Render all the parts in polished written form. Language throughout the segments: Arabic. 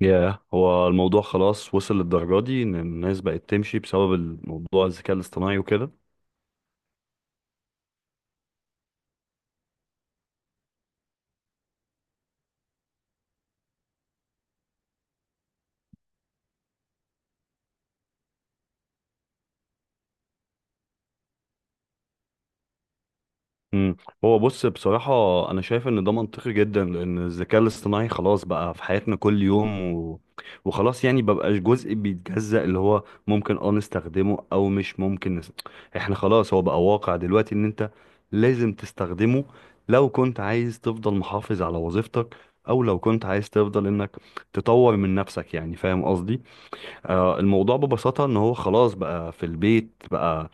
ياه، هو الموضوع خلاص وصل للدرجة دي إن الناس بقت تمشي بسبب الموضوع الذكاء الاصطناعي وكده. مم. هو بص بصراحة، أنا شايف إن ده منطقي جدا لأن الذكاء الاصطناعي خلاص بقى في حياتنا كل يوم. وخلاص يعني مبقاش جزء بيتجزأ اللي هو ممكن نستخدمه أو مش ممكن. إحنا خلاص، هو بقى واقع دلوقتي إن أنت لازم تستخدمه، لو كنت عايز تفضل محافظ على وظيفتك، أو لو كنت عايز تفضل إنك تطور من نفسك. يعني فاهم قصدي؟ الموضوع ببساطة ان هو خلاص بقى في البيت بقى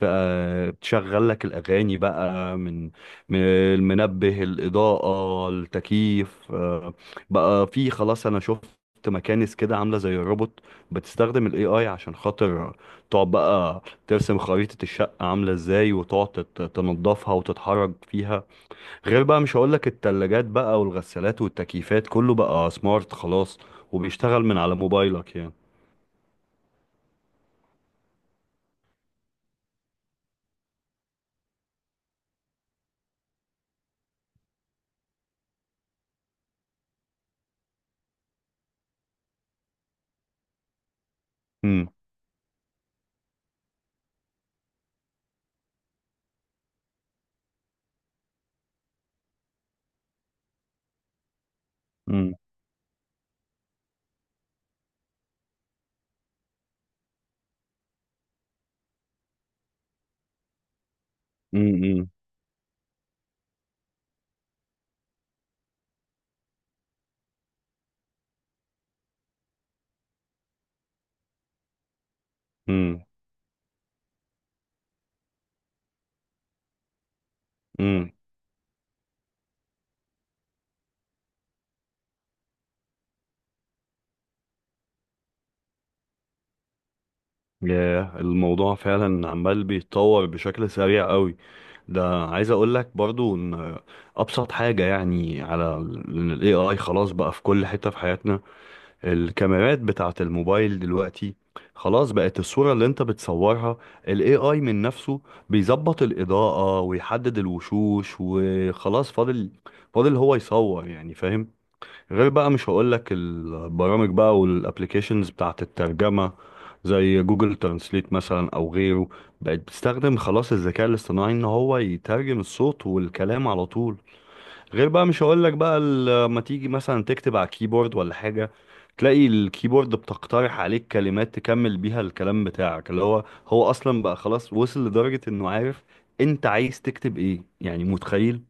بقى بتشغل لك الأغاني بقى من المنبه، الإضاءة، التكييف. بقى في خلاص، أنا شفت مكانس كده عاملة زي الروبوت، بتستخدم ال AI عشان خاطر تقعد بقى ترسم خريطة الشقة عاملة ازاي، وتقعد تنضفها وتتحرك فيها. غير بقى مش هقولك التلاجات بقى والغسالات والتكييفات، كله بقى سمارت خلاص وبيشتغل من على موبايلك يعني. مم. امم. امم. امم. امم. ياه، الموضوع فعلا عمال بيتطور بشكل سريع قوي. ده عايز اقول لك برضو ان ابسط حاجة يعني، على ال AI خلاص بقى في كل حتة في حياتنا. الكاميرات بتاعة الموبايل دلوقتي خلاص بقت الصورة اللي انت بتصورها، ال AI من نفسه بيظبط الإضاءة ويحدد الوشوش، وخلاص فاضل هو يصور. يعني فاهم. غير بقى مش هقولك البرامج بقى والابليكيشنز بتاعت الترجمة، زي جوجل ترانسليت مثلا او غيره، بقت بتستخدم خلاص الذكاء الاصطناعي ان هو يترجم الصوت والكلام على طول. غير بقى مش هقولك بقى لما تيجي مثلا تكتب على كيبورد ولا حاجة، تلاقي الكيبورد بتقترح عليك كلمات تكمل بيها الكلام بتاعك، اللي هو هو اصلا بقى خلاص وصل لدرجة انه عارف انت عايز تكتب ايه. يعني متخيل.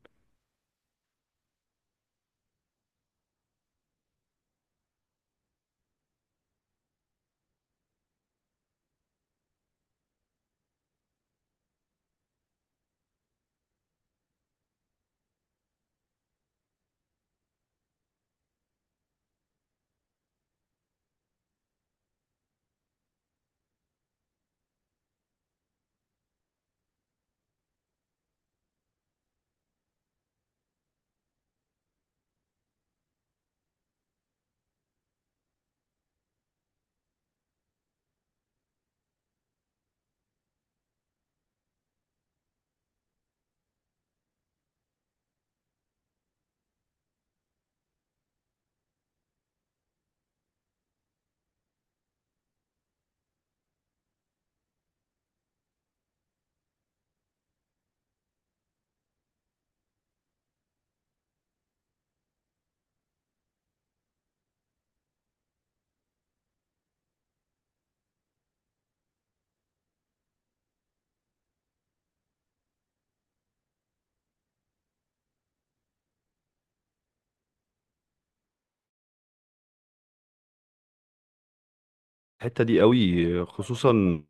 الحتة دي قوي خصوصا.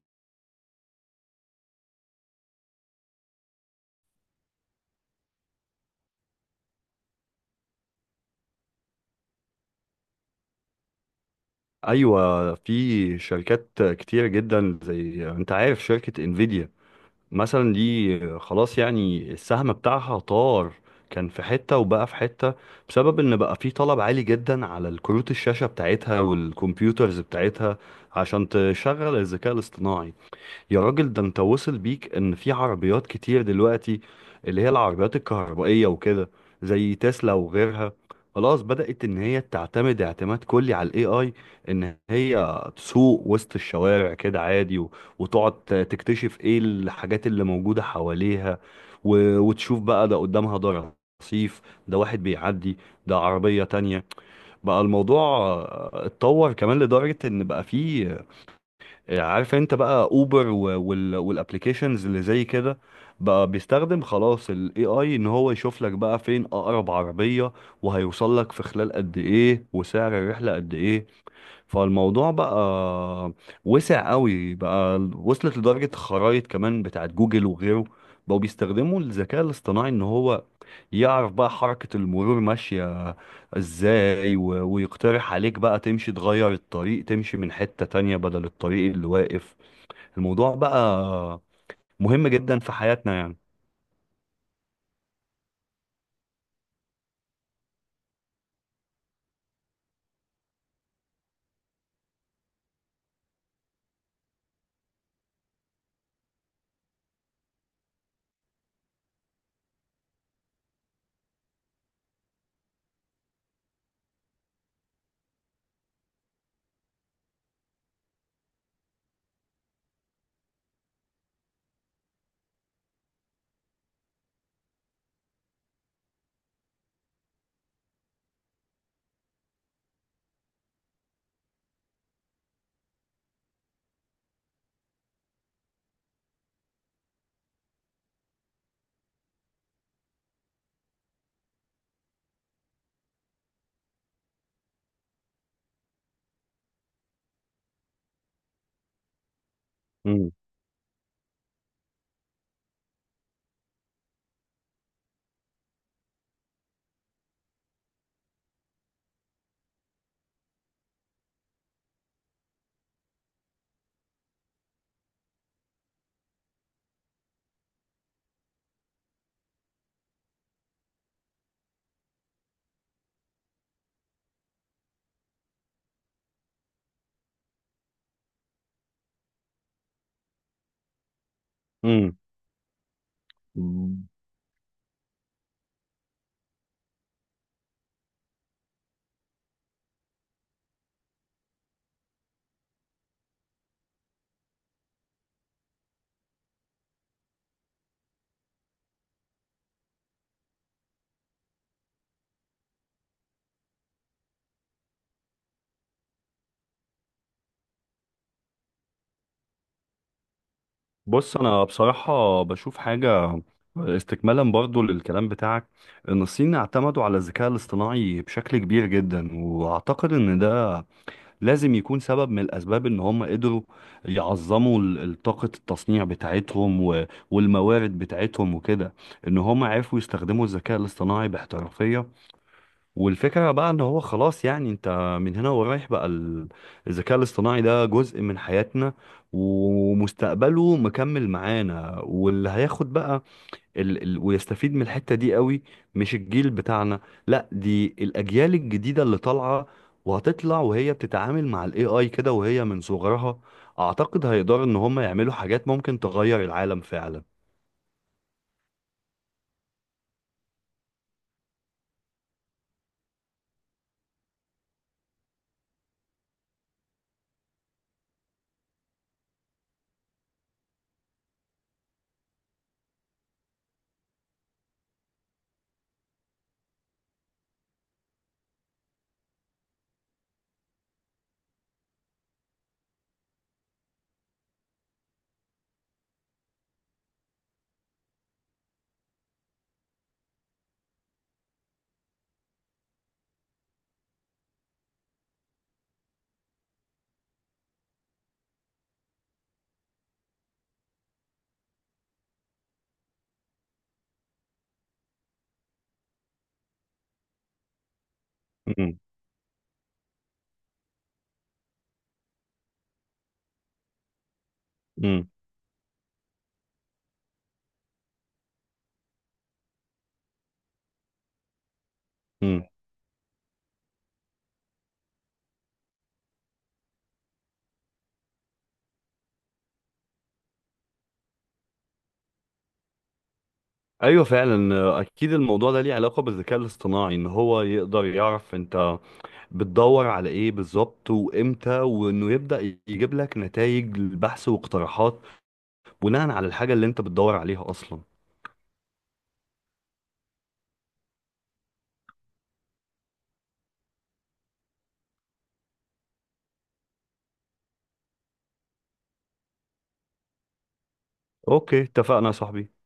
ايوه، في شركات كتيره جدا، زي انت عارف شركه انفيديا مثلا، دي خلاص يعني السهم بتاعها طار. كان في حته وبقى في حته، بسبب ان بقى في طلب عالي جدا على الكروت الشاشه بتاعتها والكمبيوترز بتاعتها عشان تشغل الذكاء الاصطناعي. يا راجل، ده انت وصل بيك ان في عربيات كتير دلوقتي، اللي هي العربيات الكهربائية وكده، زي تسلا وغيرها، خلاص بدأت ان هي تعتمد اعتماد كلي على الاي اي، ان هي تسوق وسط الشوارع كده عادي، وتقعد تكتشف ايه الحاجات اللي موجودة حواليها، وتشوف بقى ده قدامها. ده رصيف، ده واحد بيعدي، ده عربية تانية. بقى الموضوع اتطور كمان لدرجة ان بقى فيه. عارف، انت بقى اوبر والابلكيشنز اللي زي كده، بقى بيستخدم خلاص الاي اي ان هو يشوف لك بقى فين اقرب عربية، وهيوصل لك في خلال قد ايه وسعر الرحلة قد ايه. فالموضوع بقى وسع قوي، بقى وصلت لدرجة خرائط كمان بتاعت جوجل وغيره بقوا بيستخدموا الذكاء الاصطناعي ان هو يعرف بقى حركة المرور ماشية ازاي، ويقترح عليك بقى تمشي تغير الطريق، تمشي من حتة تانية بدل الطريق اللي واقف. الموضوع بقى مهم جدا في حياتنا يعني. امم. امم. بص، انا بصراحة بشوف حاجة، استكمالا برضو للكلام بتاعك، ان الصين اعتمدوا على الذكاء الاصطناعي بشكل كبير جدا، واعتقد ان ده لازم يكون سبب من الاسباب ان هم قدروا يعظموا طاقة التصنيع بتاعتهم والموارد بتاعتهم وكده، ان هم عرفوا يستخدموا الذكاء الاصطناعي باحترافية. والفكرة بقى ان هو خلاص يعني انت من هنا ورايح، بقى الذكاء الاصطناعي ده جزء من حياتنا، ومستقبله مكمل معانا. واللي هياخد بقى ال ال ويستفيد من الحتة دي قوي، مش الجيل بتاعنا، لا، دي الاجيال الجديدة اللي طالعة وهتطلع وهي بتتعامل مع الاي اي كده وهي من صغرها. اعتقد هيقدروا ان هم يعملوا حاجات ممكن تغير العالم فعلا. امم. ايوه فعلا، اكيد الموضوع ده ليه علاقه بالذكاء الاصطناعي، ان هو يقدر يعرف انت بتدور على ايه بالظبط وامتى، وانه يبدا يجيب لك نتائج البحث واقتراحات بناء على الحاجه اللي انت بتدور عليها اصلا. اوكي، اتفقنا يا صاحبي.